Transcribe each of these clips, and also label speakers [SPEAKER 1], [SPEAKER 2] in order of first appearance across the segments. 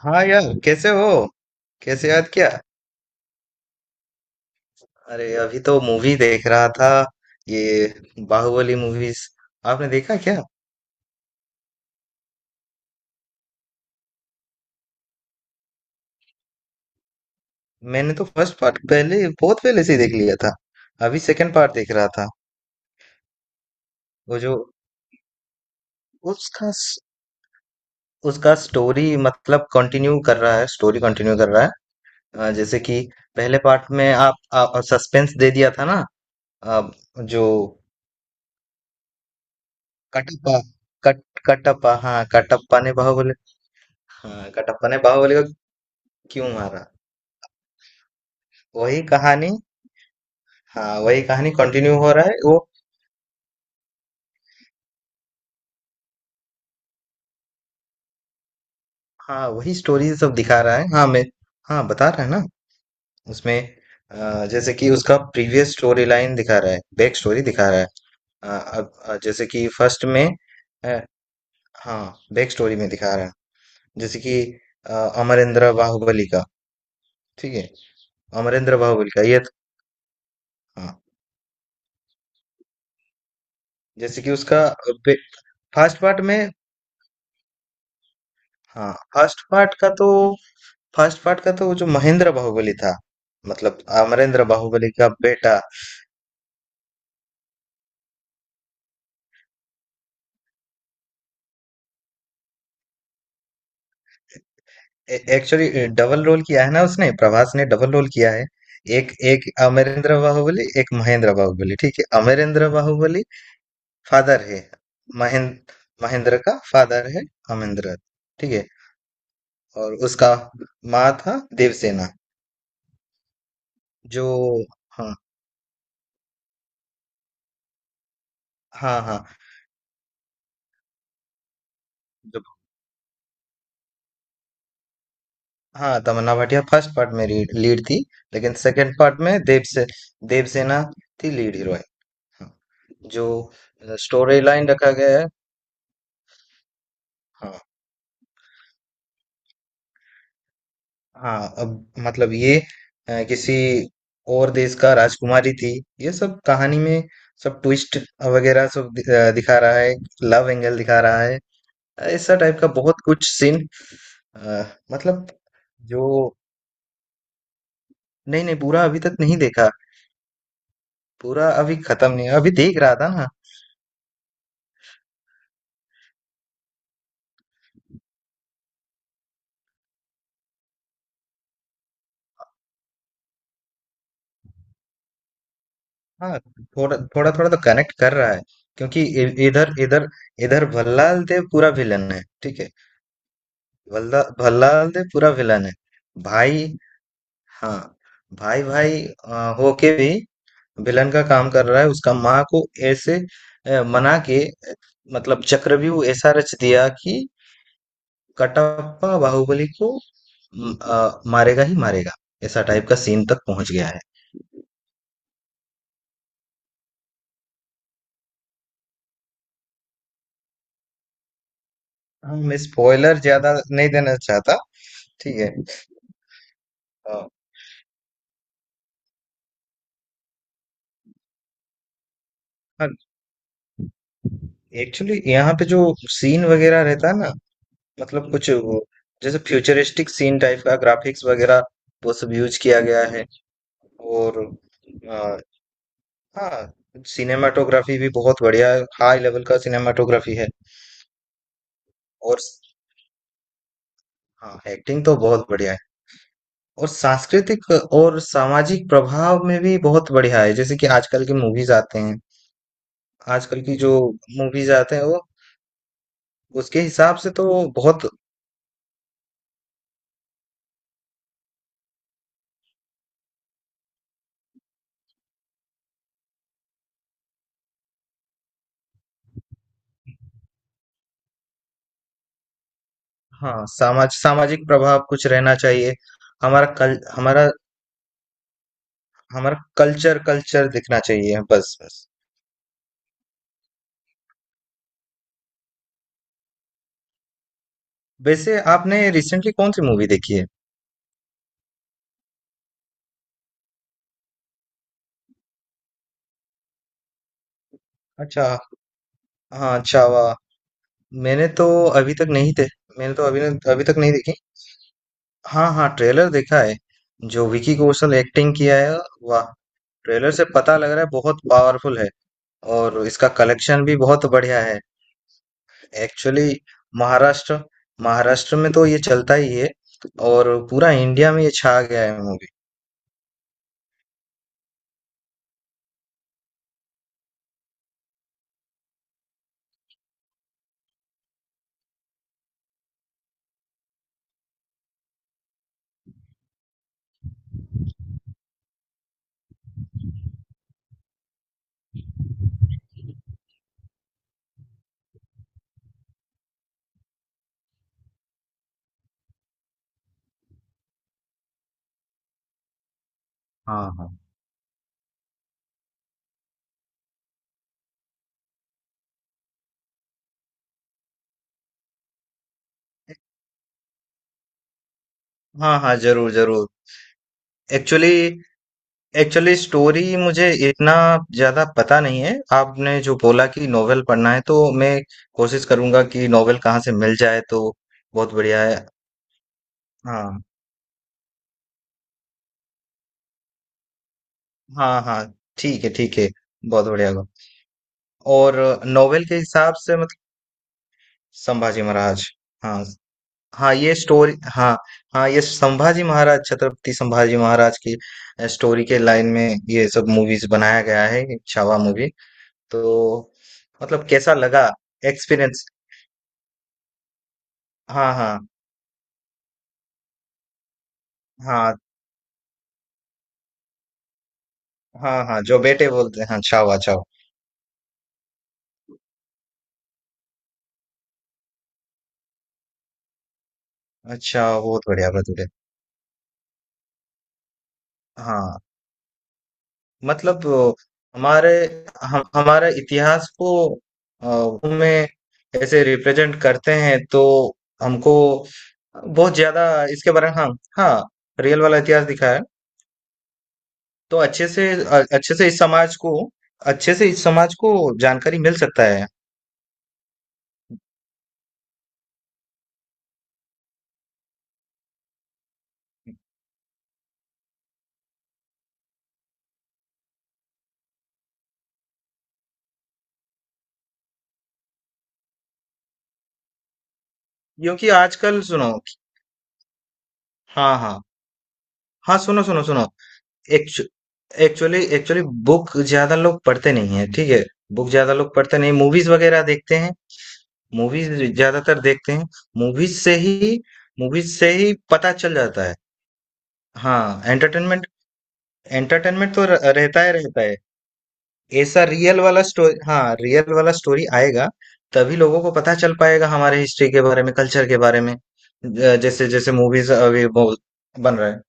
[SPEAKER 1] हाँ यार कैसे हो। कैसे याद किया। अरे अभी तो मूवी देख रहा था। ये बाहुबली मूवीज आपने देखा क्या? मैंने तो फर्स्ट पार्ट पहले बहुत पहले से ही देख लिया था। अभी सेकंड पार्ट देख रहा था। वो जो उसका स- उसका स्टोरी मतलब कंटिन्यू कर रहा है, स्टोरी कंटिन्यू कर रहा है। जैसे कि पहले पार्ट में आप सस्पेंस दे दिया था ना। अ, जो कटप्पा, कट कटप्पा, हाँ कटप्पा ने बाहुबली, हाँ कटप्पा ने बाहुबली को क्यों मारा। वही कहानी। हाँ वही कहानी कंटिन्यू हो रहा है वो। हाँ वही स्टोरी सब दिखा रहा है, हाँ। मैं, हाँ, बता रहा है ना। उसमें जैसे कि उसका प्रीवियस स्टोरी लाइन दिखा रहा है, बैक स्टोरी दिखा रहा है। अ, अब जैसे कि फर्स्ट में, अ, हाँ बैक स्टोरी में दिखा रहा है। जैसे कि अ, अमरेंद्र बाहुबली का, ठीक है, अमरेंद्र बाहुबली का ये तो, हाँ। जैसे कि उसका फर्स्ट पार्ट में, हाँ फर्स्ट पार्ट का तो, फर्स्ट पार्ट का तो वो जो महेंद्र बाहुबली था, मतलब अमरेंद्र बाहुबली का बेटा। एक्चुअली डबल रोल किया है ना उसने, प्रभास ने डबल रोल किया है। एक एक अमरेंद्र बाहुबली, एक महेंद्र बाहुबली, ठीक है। अमरेंद्र बाहुबली फादर है, महेंद्र, महेंद्र का फादर है अमरेंद्र, ठीक है। और उसका माँ था देवसेना, जो, हाँ हाँ हाँ, जो, हाँ तमन्ना भाटिया फर्स्ट पार्ट में लीड थी। लेकिन सेकंड पार्ट में देवसेना थी लीड हीरो। हाँ, जो स्टोरी लाइन रखा गया है, हाँ हाँ। अब मतलब ये किसी और देश का राजकुमारी थी, ये सब कहानी में, सब ट्विस्ट वगैरह सब दिखा रहा है, लव एंगल दिखा रहा है, ऐसा टाइप का बहुत कुछ सीन। मतलब जो, नहीं नहीं, पूरा अभी तक नहीं देखा। पूरा अभी खत्म नहीं, अभी देख रहा था ना। हाँ थोड़ा थोड़ा थोड़ा तो कनेक्ट कर रहा है, क्योंकि इधर इधर इधर भल्लाल देव पूरा विलन है, ठीक है। भल्लाल दे पूरा विलन है। भाई, हाँ, भाई भाई होके भी विलन का काम कर रहा है। उसका माँ को ऐसे मना के मतलब चक्रव्यूह ऐसा रच दिया कि कटप्पा बाहुबली को मारेगा ही मारेगा, ऐसा टाइप का सीन तक पहुंच गया है। हाँ, मैं स्पॉइलर ज्यादा नहीं देना चाहता। ठीक है, अ, हाँ। एक्चुअली यहाँ पे जो सीन वगैरह रहता है ना, मतलब कुछ वो जैसे फ्यूचरिस्टिक सीन टाइप का ग्राफिक्स वगैरह वो सब यूज किया गया है। और आ, हाँ, सिनेमाटोग्राफी भी बहुत बढ़िया है, हाई लेवल का सिनेमाटोग्राफी है। और हाँ एक्टिंग तो बहुत बढ़िया है। और सांस्कृतिक और सामाजिक प्रभाव में भी बहुत बढ़िया है, जैसे कि आजकल की मूवीज आते हैं, आजकल की जो मूवीज आते हैं वो, उसके हिसाब से तो बहुत। हाँ समाज सामाजिक प्रभाव कुछ रहना चाहिए, हमारा कल हमारा, हमारा कल्चर कल्चर दिखना चाहिए, बस बस। वैसे आपने रिसेंटली कौन सी मूवी देखी है? अच्छा, हाँ अच्छा, वाह। मैंने तो अभी तक नहीं थे, मैंने तो अभी तक नहीं देखी। हाँ हाँ ट्रेलर देखा है, जो विकी कौशल एक्टिंग किया है। वाह, ट्रेलर से पता लग रहा है बहुत पावरफुल है, और इसका कलेक्शन भी बहुत बढ़िया है। एक्चुअली महाराष्ट्र महाराष्ट्र में तो ये चलता ही है, और पूरा इंडिया में ये छा गया है मूवी। हाँ हाँ हाँ, हाँ जरूर जरूर। एक्चुअली एक्चुअली स्टोरी मुझे इतना ज़्यादा पता नहीं है। आपने जो बोला कि नॉवेल पढ़ना है, तो मैं कोशिश करूँगा कि नॉवेल कहाँ से मिल जाए, तो बहुत बढ़िया है। हाँ, हाँ, हाँ। ठीक है, ठीक है। बहुत बढ़िया होगा। और नॉवेल के हिसाब से, मतलब संभाजी महाराज। हाँ, हाँ, ये स्टोरी, हाँ, हाँ, ये संभाजी महाराज, छत्रपति संभाजी महाराज की स्टोरी के लाइन में ये सब मूवीज़ बनाया गया है, छावा मूवी। तो मतलब कैसा लगा एक्सपीरियंस? हाँ हाँ हाँ हाँ, हाँ जो बेटे बोलते हैं, हाँ छावा छावा। अच्छा बहुत बढ़िया बतूरे। हाँ मतलब हमारे, हम हमारे इतिहास को अ, में ऐसे रिप्रेजेंट करते हैं तो हमको बहुत ज्यादा इसके बारे में, हाँ हाँ, रियल वाला इतिहास दिखाया है। तो अच्छे से अच्छे से इस समाज को, अच्छे से इस समाज को जानकारी मिल सकता है। क्योंकि आजकल सुनो, हाँ हाँ हाँ, सुनो सुनो सुनो। एक्चु एक्चुअली बुक ज़्यादा लोग पढ़ते नहीं हैं, ठीक है? बुक ज़्यादा लोग पढ़ते नहीं, मूवीज़ वग़ैरह देखते हैं, मूवीज़ ज़्यादातर देखते हैं। मूवीज़ से ही मूवीज़ से ही पता चल जाता है। हाँ, एंटरटेनमेंट, एंटरटेनमेंट तो र रहता है रहता है। ऐसा रियल वाला स्टो हाँ, रियल वाला स्टोरी आएगा, तभी लोगों को पता चल पाएगा हमारे हिस्ट्री के बारे में, कल्चर के बारे में। जैसे-जैसे मूवीज़ अभी वो बन रहा है।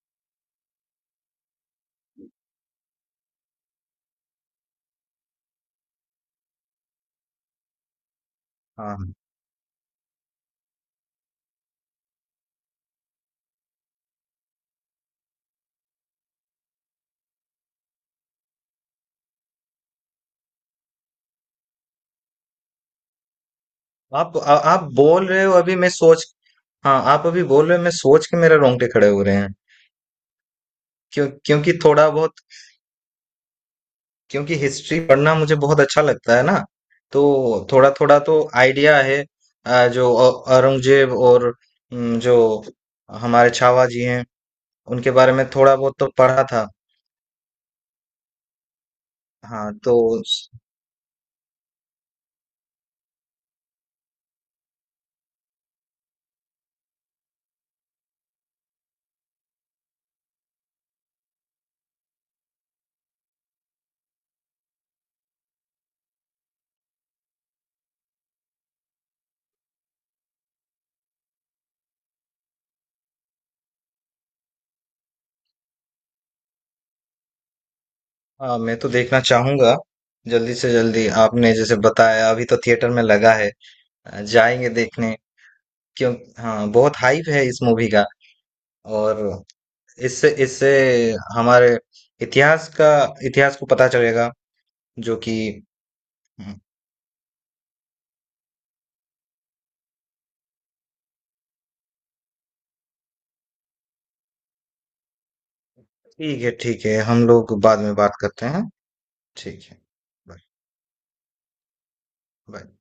[SPEAKER 1] हाँ। आप बोल रहे हो, अभी मैं सोच, हाँ आप अभी बोल रहे हो, मैं सोच के मेरे रोंगटे खड़े हो रहे हैं। क्यों? क्योंकि थोड़ा बहुत, क्योंकि हिस्ट्री पढ़ना मुझे बहुत अच्छा लगता है ना, तो थोड़ा थोड़ा तो आइडिया है। आ, जो औ- औरंगजेब और, जो हमारे छावा जी हैं उनके बारे में थोड़ा बहुत तो पढ़ा था। हाँ तो, हाँ, मैं तो देखना चाहूंगा जल्दी से जल्दी। आपने जैसे बताया अभी तो थिएटर में लगा है, जाएंगे देखने। क्यों, हाँ बहुत हाइप है इस मूवी का। और इससे इससे हमारे इतिहास का इतिहास को पता चलेगा, जो कि, ठीक है ठीक है, हम लोग बाद में बात करते हैं। ठीक है। Bye bye.